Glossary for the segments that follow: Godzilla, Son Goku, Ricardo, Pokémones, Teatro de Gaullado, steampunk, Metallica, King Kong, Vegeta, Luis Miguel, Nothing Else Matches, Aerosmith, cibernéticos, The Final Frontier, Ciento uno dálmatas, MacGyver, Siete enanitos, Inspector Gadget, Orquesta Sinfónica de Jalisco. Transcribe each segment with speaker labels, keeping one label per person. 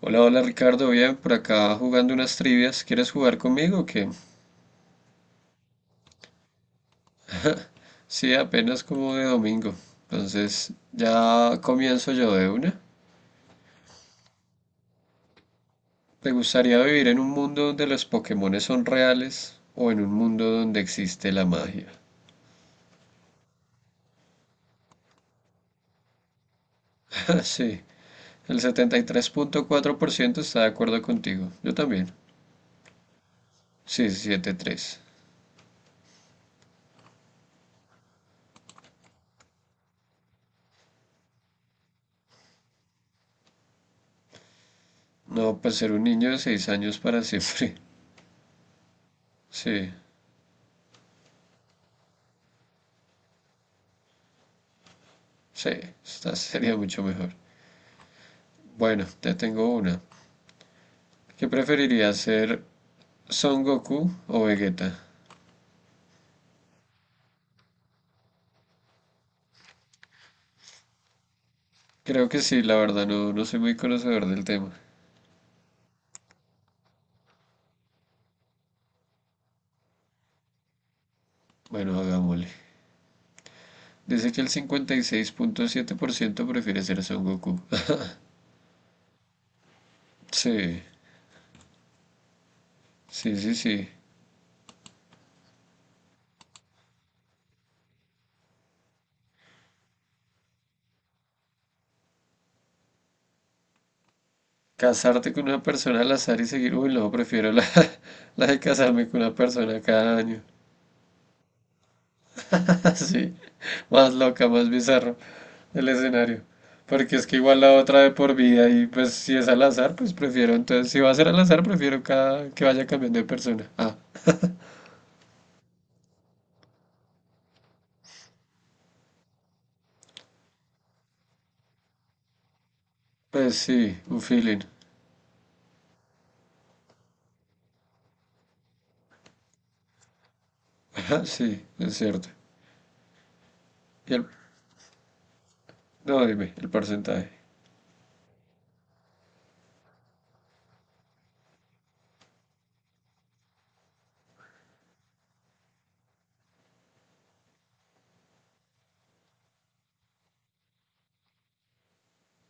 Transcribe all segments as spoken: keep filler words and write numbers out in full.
Speaker 1: Hola, hola Ricardo, bien, por acá jugando unas trivias. ¿Quieres jugar conmigo o qué? Sí, apenas como de domingo. Entonces, ya comienzo yo de una. ¿Te gustaría vivir en un mundo donde los Pokémones son reales o en un mundo donde existe la magia? Sí, el setenta y tres punto cuatro por ciento está de acuerdo contigo. Yo también. Sí, setenta y tres. No, pues ser un niño de seis años para siempre. Sí, sí, esta sería mucho mejor. Bueno, te tengo una. ¿Qué preferiría ser Son Goku o Vegeta? Creo que sí, la verdad no, no soy muy conocedor del tema. Bueno, hagámosle. Dice que el cincuenta y seis punto siete por ciento prefiere ser Son Goku. Sí, sí, sí, sí. Casarte con una persona al azar y seguir... Uy, no, prefiero la, la de casarme con una persona cada año. Sí, más loca, más bizarro el escenario. Porque es que igual la otra de por vida y pues si es al azar, pues prefiero. Entonces, si va a ser al azar, prefiero cada, que vaya cambiando de persona. Ah, pues sí, un feeling. Ajá, sí, es cierto. Y el, no, dime, el porcentaje.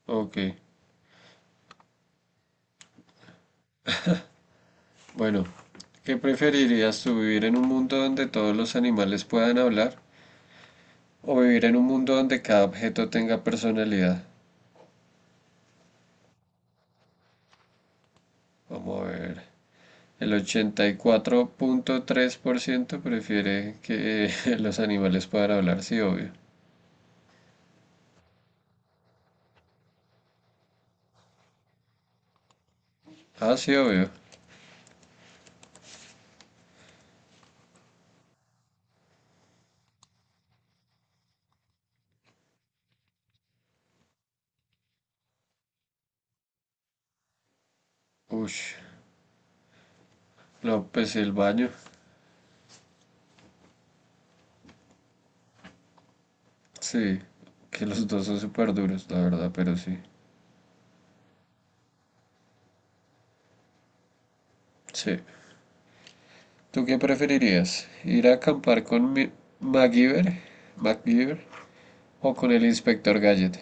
Speaker 1: Ok, bueno, ¿qué preferirías tú, vivir en un mundo donde todos los animales puedan hablar o vivir en un mundo donde cada objeto tenga personalidad? Vamos a ver. El ochenta y cuatro punto tres por ciento prefiere que los animales puedan hablar, sí, obvio. Ah, sí, obvio. Ush, no, pues el baño. Sí, que los dos son súper duros, la verdad, pero sí. Sí. ¿Tú qué preferirías? ¿Ir a acampar con mi MacGyver? MacGyver o con el inspector Gadget?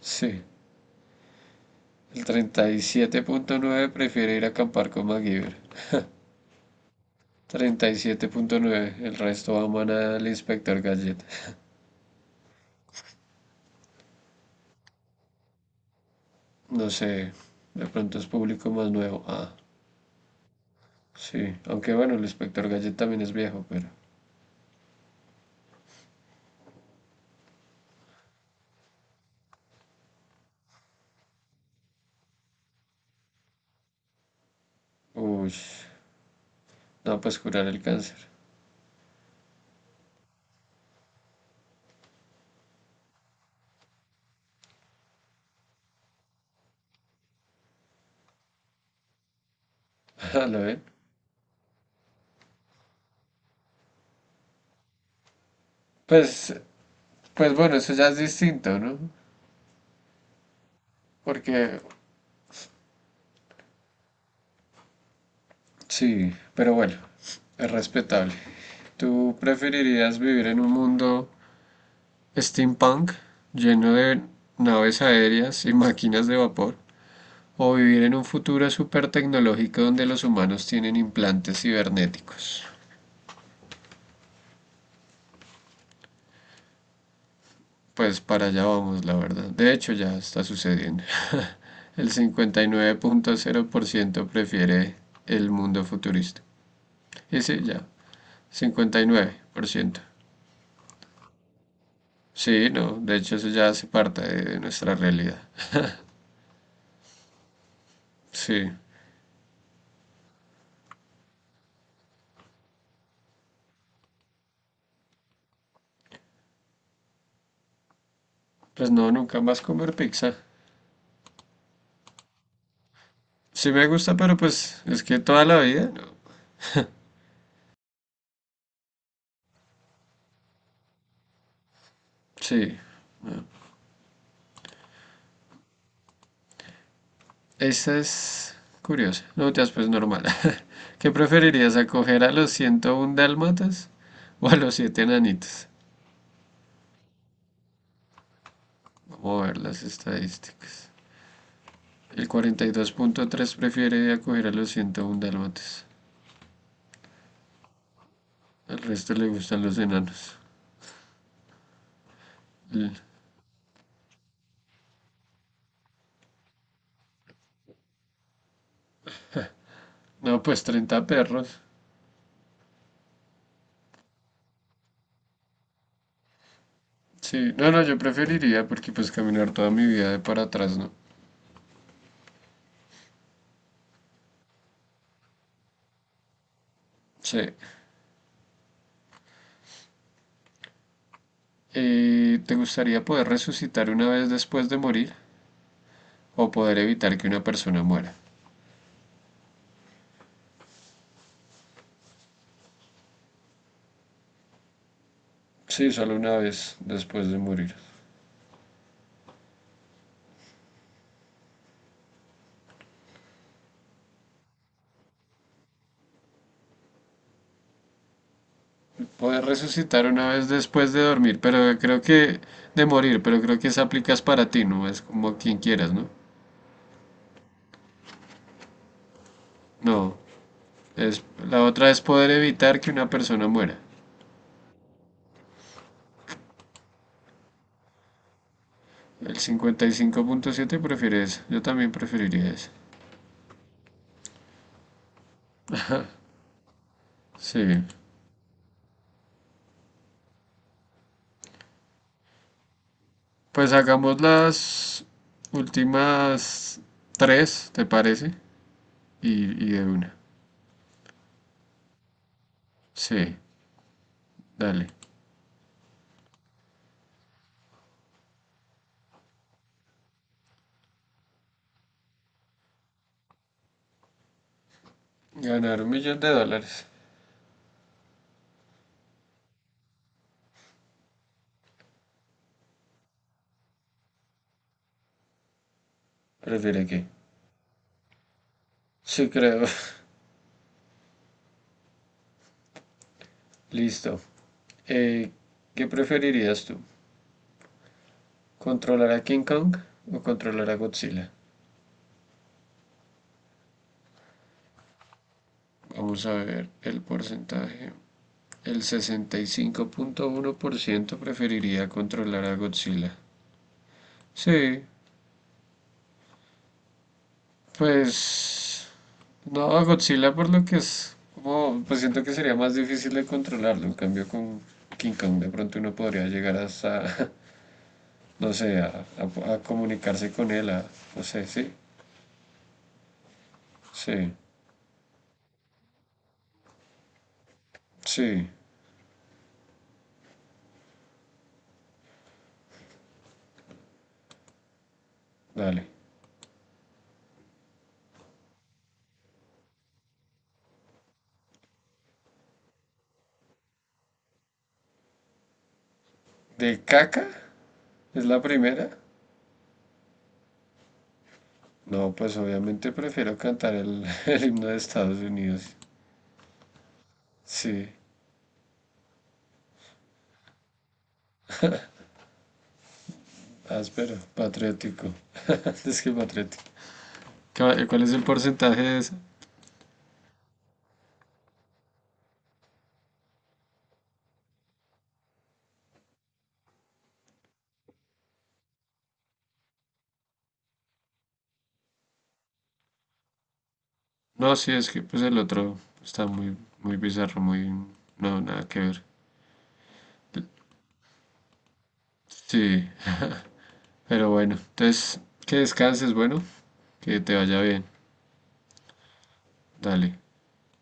Speaker 1: Sí. El treinta y siete punto nueve prefiere ir a acampar con MacGyver. treinta y siete punto nueve. El resto aman al inspector Gadget. No sé, de pronto es público más nuevo. Ah, sí. Aunque bueno, el inspector Gadget también es viejo, pero. Uy, no, pues curar el cáncer. Ah, ¿lo ven? Pues, pues bueno, eso ya es distinto, ¿no? Porque. Sí, pero bueno, es respetable. ¿Tú preferirías vivir en un mundo steampunk lleno de naves aéreas y máquinas de vapor? ¿O vivir en un futuro súper tecnológico donde los humanos tienen implantes cibernéticos? Pues para allá vamos, la verdad. De hecho, ya está sucediendo. El cincuenta y nueve punto cero por ciento prefiere el mundo futurista. Y sí, ya, cincuenta y nueve por ciento. Sí, no, de hecho eso ya hace parte de nuestra realidad. Sí, pues no, nunca más comer pizza. Sí me gusta, pero pues es que toda la vida, no. Sí, esa es curiosa. No te pues normal. ¿Qué preferirías, acoger a los ciento uno dálmatas o a los siete enanitos? Vamos a ver las estadísticas. El cuarenta y dos punto tres prefiere acoger a los ciento uno dálmatas. Al resto le gustan los enanos. No, pues treinta perros. Sí, no, no, yo preferiría porque pues caminar toda mi vida de para atrás, ¿no? Sí. Eh, ¿te gustaría poder resucitar una vez después de morir o poder evitar que una persona muera? Sí, solo una vez después de morir. Poder resucitar una vez después de dormir, pero creo que de morir, pero creo que esa aplicas para ti, no es como quien quieras, ¿no? No, es la otra es poder evitar que una persona muera. El cincuenta y cinco punto siete prefiere eso. Yo también preferiría eso. Sí. Pues hagamos las últimas tres, ¿te parece? Y, y de una. Sí, dale. Ganar un millón de dólares. ¿Prefiere qué? Sí, creo. Listo. Eh, ¿qué preferirías tú? ¿Controlar a King Kong o controlar a Godzilla? Vamos a ver el porcentaje. El sesenta y cinco punto uno por ciento preferiría controlar a Godzilla. Sí, pues no, a Godzilla por lo que es como, pues siento que sería más difícil de controlarlo. En cambio, con King Kong de pronto uno podría llegar hasta, no sé, a, a- a comunicarse con él, a, no sé, sí, sí, sí, dale. ¿De caca? ¿Es la primera? No, pues obviamente prefiero cantar el, el himno de Estados Unidos. Sí, áspero, patriótico. Es que patriótico. ¿Cuál cuál es el porcentaje de esa? No, sí, es que pues el otro está muy, muy bizarro, muy... No, nada que ver. Sí, pero bueno, entonces que descanses, bueno, que te vaya bien. Dale.